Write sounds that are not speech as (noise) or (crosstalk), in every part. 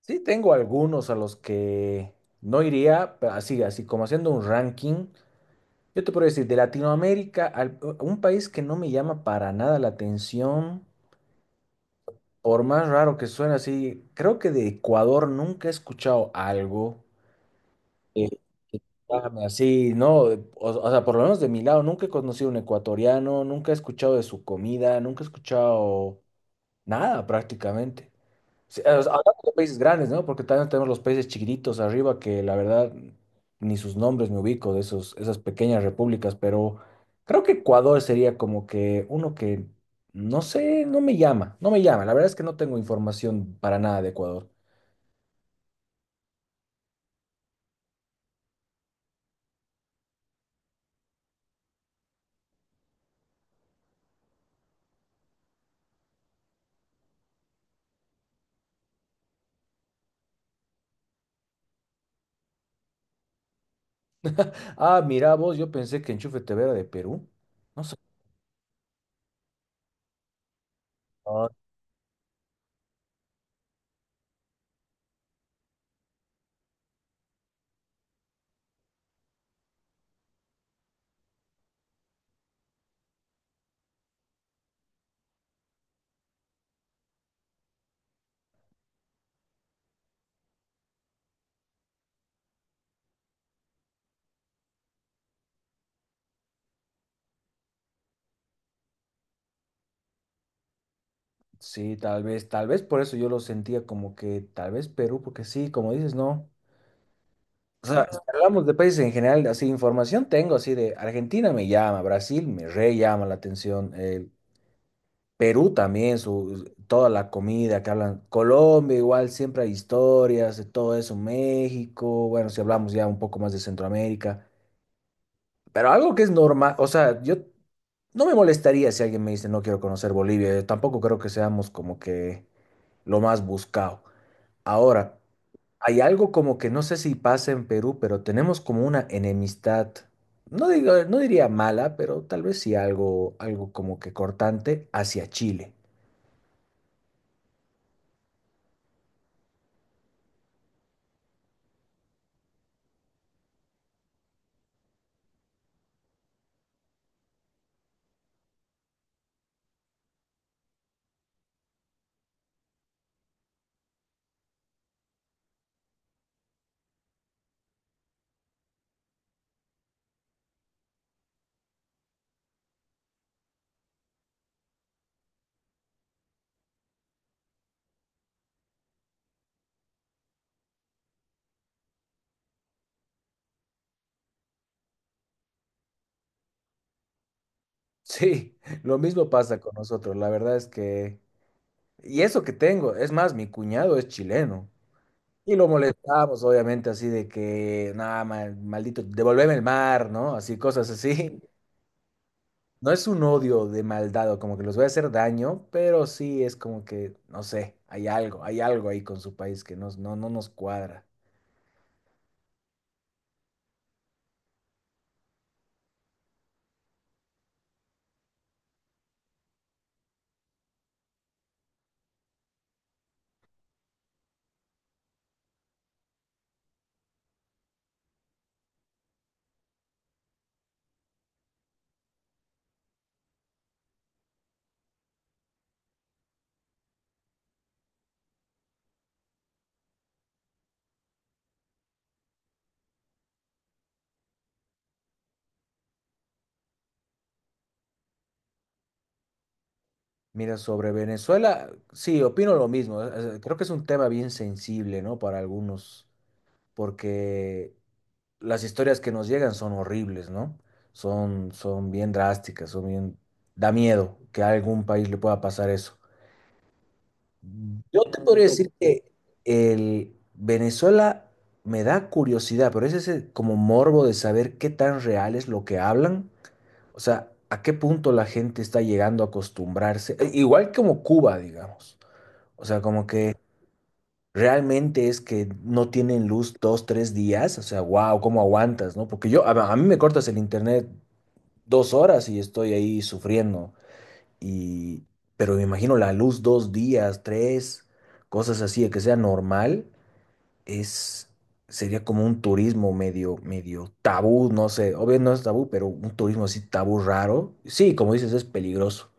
Sí, tengo algunos a los que no iría, pero así como haciendo un ranking. Yo te puedo decir, de Latinoamérica, un país que no me llama para nada la atención, por más raro que suene así, creo que de Ecuador nunca he escuchado algo que que llame así, ¿no? O sea, por lo menos de mi lado, nunca he conocido un ecuatoriano, nunca he escuchado de su comida, nunca he escuchado nada prácticamente. Sí, o sea, hablando de países grandes, ¿no? Porque también tenemos los países chiquititos arriba que la verdad ni sus nombres me ubico de esas pequeñas repúblicas, pero creo que Ecuador sería como que uno que, no sé, no me llama. La verdad es que no tengo información para nada de Ecuador. Ah, mira vos, yo pensé que Enchufe TV era de Perú. No sé. Ah, sí, tal vez por eso yo lo sentía como que tal vez Perú, porque sí, como dices, no. O sea, si hablamos de países en general, así información tengo, así de Argentina me llama, Brasil me re llama la atención, Perú también, toda la comida que hablan, Colombia igual, siempre hay historias de todo eso, México, bueno, si hablamos ya un poco más de Centroamérica, pero algo que es normal, o sea, yo no me molestaría si alguien me dice no quiero conocer Bolivia, yo tampoco creo que seamos como que lo más buscado. Ahora, hay algo como que no sé si pasa en Perú, pero tenemos como una enemistad, no diría mala, pero tal vez sí algo, algo como que cortante hacia Chile. Sí, (laughs) lo mismo pasa con nosotros. La verdad es que, y eso que tengo, es más, mi cuñado es chileno. Y lo molestamos, obviamente, así de que, nada, maldito, devolveme el mar, ¿no? Así, cosas así. No es un odio de maldad o como que les voy a hacer daño, pero sí es como que, no sé, hay algo ahí con su país que no, no nos cuadra. Mira, sobre Venezuela, sí, opino lo mismo. Creo que es un tema bien sensible, ¿no? Para algunos, porque las historias que nos llegan son horribles, ¿no? Son bien drásticas, son bien... Da miedo que a algún país le pueda pasar eso. Yo te podría decir que el Venezuela me da curiosidad, pero es ese como morbo de saber qué tan real es lo que hablan, o sea, a qué punto la gente está llegando a acostumbrarse, igual como Cuba, digamos, o sea, como que realmente es que no tienen luz dos, tres días, o sea, wow, ¿cómo aguantas, no? Porque yo, a mí me cortas el internet dos horas y estoy ahí sufriendo. Y, pero me imagino la luz dos días, tres, cosas así, de que sea normal, es, sería como un turismo medio tabú, no sé, obvio no es tabú, pero un turismo así tabú raro. Sí, como dices, es peligroso.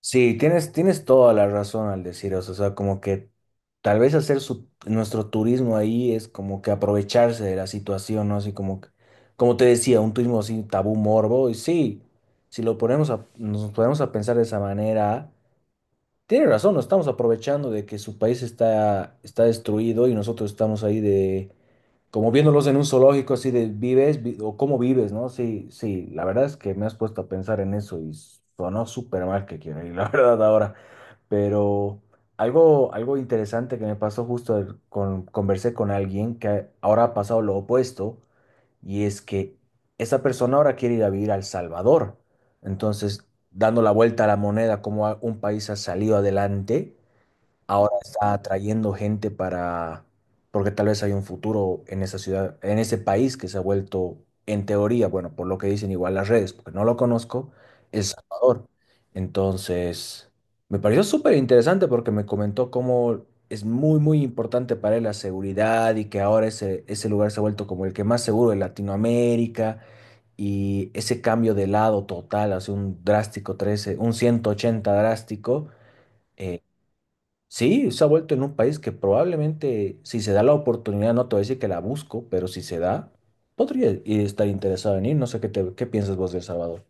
Sí, tienes toda la razón al decir eso, o sea, como que tal vez hacer nuestro turismo ahí es como que aprovecharse de la situación, ¿no? Así como, como te decía, un turismo así tabú morbo, y sí, si lo ponemos a, nos ponemos a pensar de esa manera, tiene razón, nos estamos aprovechando de que su país está destruido y nosotros estamos ahí de, como viéndolos en un zoológico, así de vives o cómo vives, ¿no? Sí, sí, la verdad es que me has puesto a pensar en eso y sonó súper mal que quiero ir, (laughs) la verdad, ahora. Pero algo interesante que me pasó justo conversé con alguien que ahora ha pasado lo opuesto y es que esa persona ahora quiere ir a vivir a El Salvador. Entonces, dando la vuelta a la moneda, como un país ha salido adelante ahora está atrayendo gente para, porque tal vez hay un futuro en esa ciudad, en ese país que se ha vuelto, en teoría, bueno, por lo que dicen igual las redes, porque no lo conozco, El Salvador. Entonces, me pareció súper interesante porque me comentó cómo es muy importante para él la seguridad y que ahora ese lugar se ha vuelto como el que más seguro de Latinoamérica. Y ese cambio de lado total, hace un drástico 13, un 180 drástico, eh, sí, se ha vuelto en un país que probablemente, si se da la oportunidad, no te voy a decir que la busco, pero si se da, estar interesado en ir. No sé qué piensas vos de El Salvador.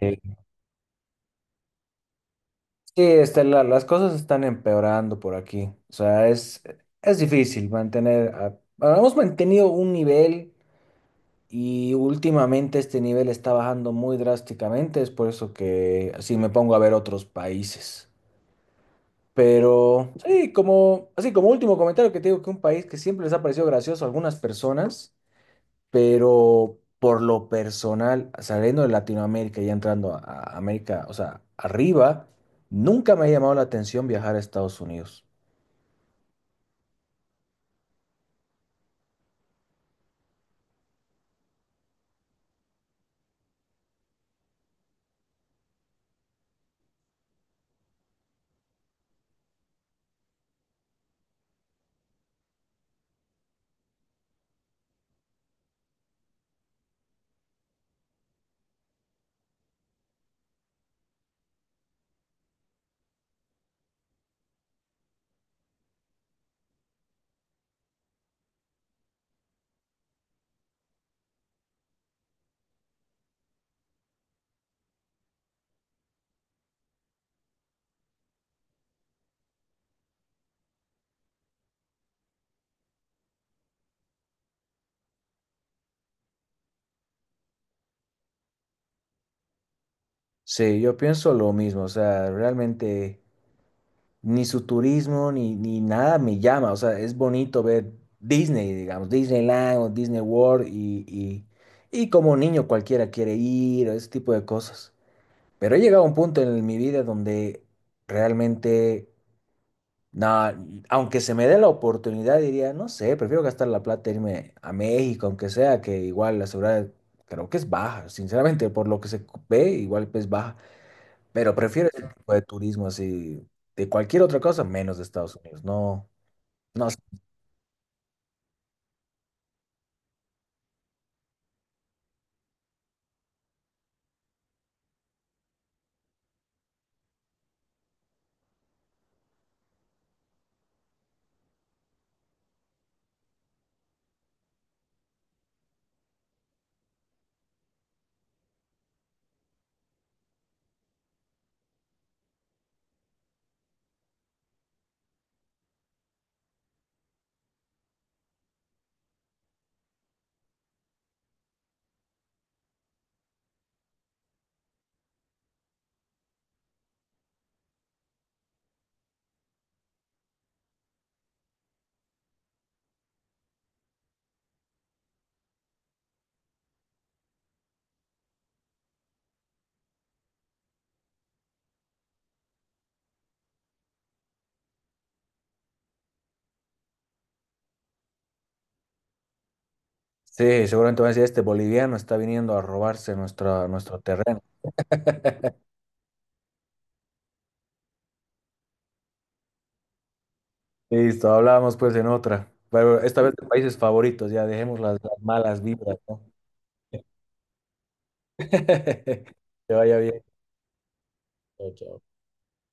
Eh, Sí, este, las cosas están empeorando por aquí. O sea, es difícil mantener. Bueno, hemos mantenido un nivel y últimamente este nivel está bajando muy drásticamente. Es por eso que así me pongo a ver otros países. Pero sí, como, así como último comentario que te digo que un país que siempre les ha parecido gracioso a algunas personas, pero por lo personal, saliendo de Latinoamérica y entrando a América, o sea, arriba, nunca me ha llamado la atención viajar a Estados Unidos. Sí, yo pienso lo mismo, o sea, realmente ni su turismo ni nada me llama, o sea, es bonito ver Disney, digamos, Disneyland o Disney World y como niño cualquiera quiere ir, ese tipo de cosas. Pero he llegado a un punto en mi vida donde realmente, na- aunque se me dé la oportunidad, diría, no sé, prefiero gastar la plata e irme a México, aunque sea que igual la seguridad creo que es baja, sinceramente, por lo que se ve, igual es baja, pero prefiero ese tipo de turismo así, de cualquier otra cosa, menos de Estados Unidos, no, no sé. Sí, seguramente van a decir, este boliviano está viniendo a robarse nuestro terreno. (laughs) Listo, hablábamos pues en otra. Pero esta vez de países favoritos, ya dejemos las malas vibras, ¿no? (laughs) Que vaya bien. Chao, chao.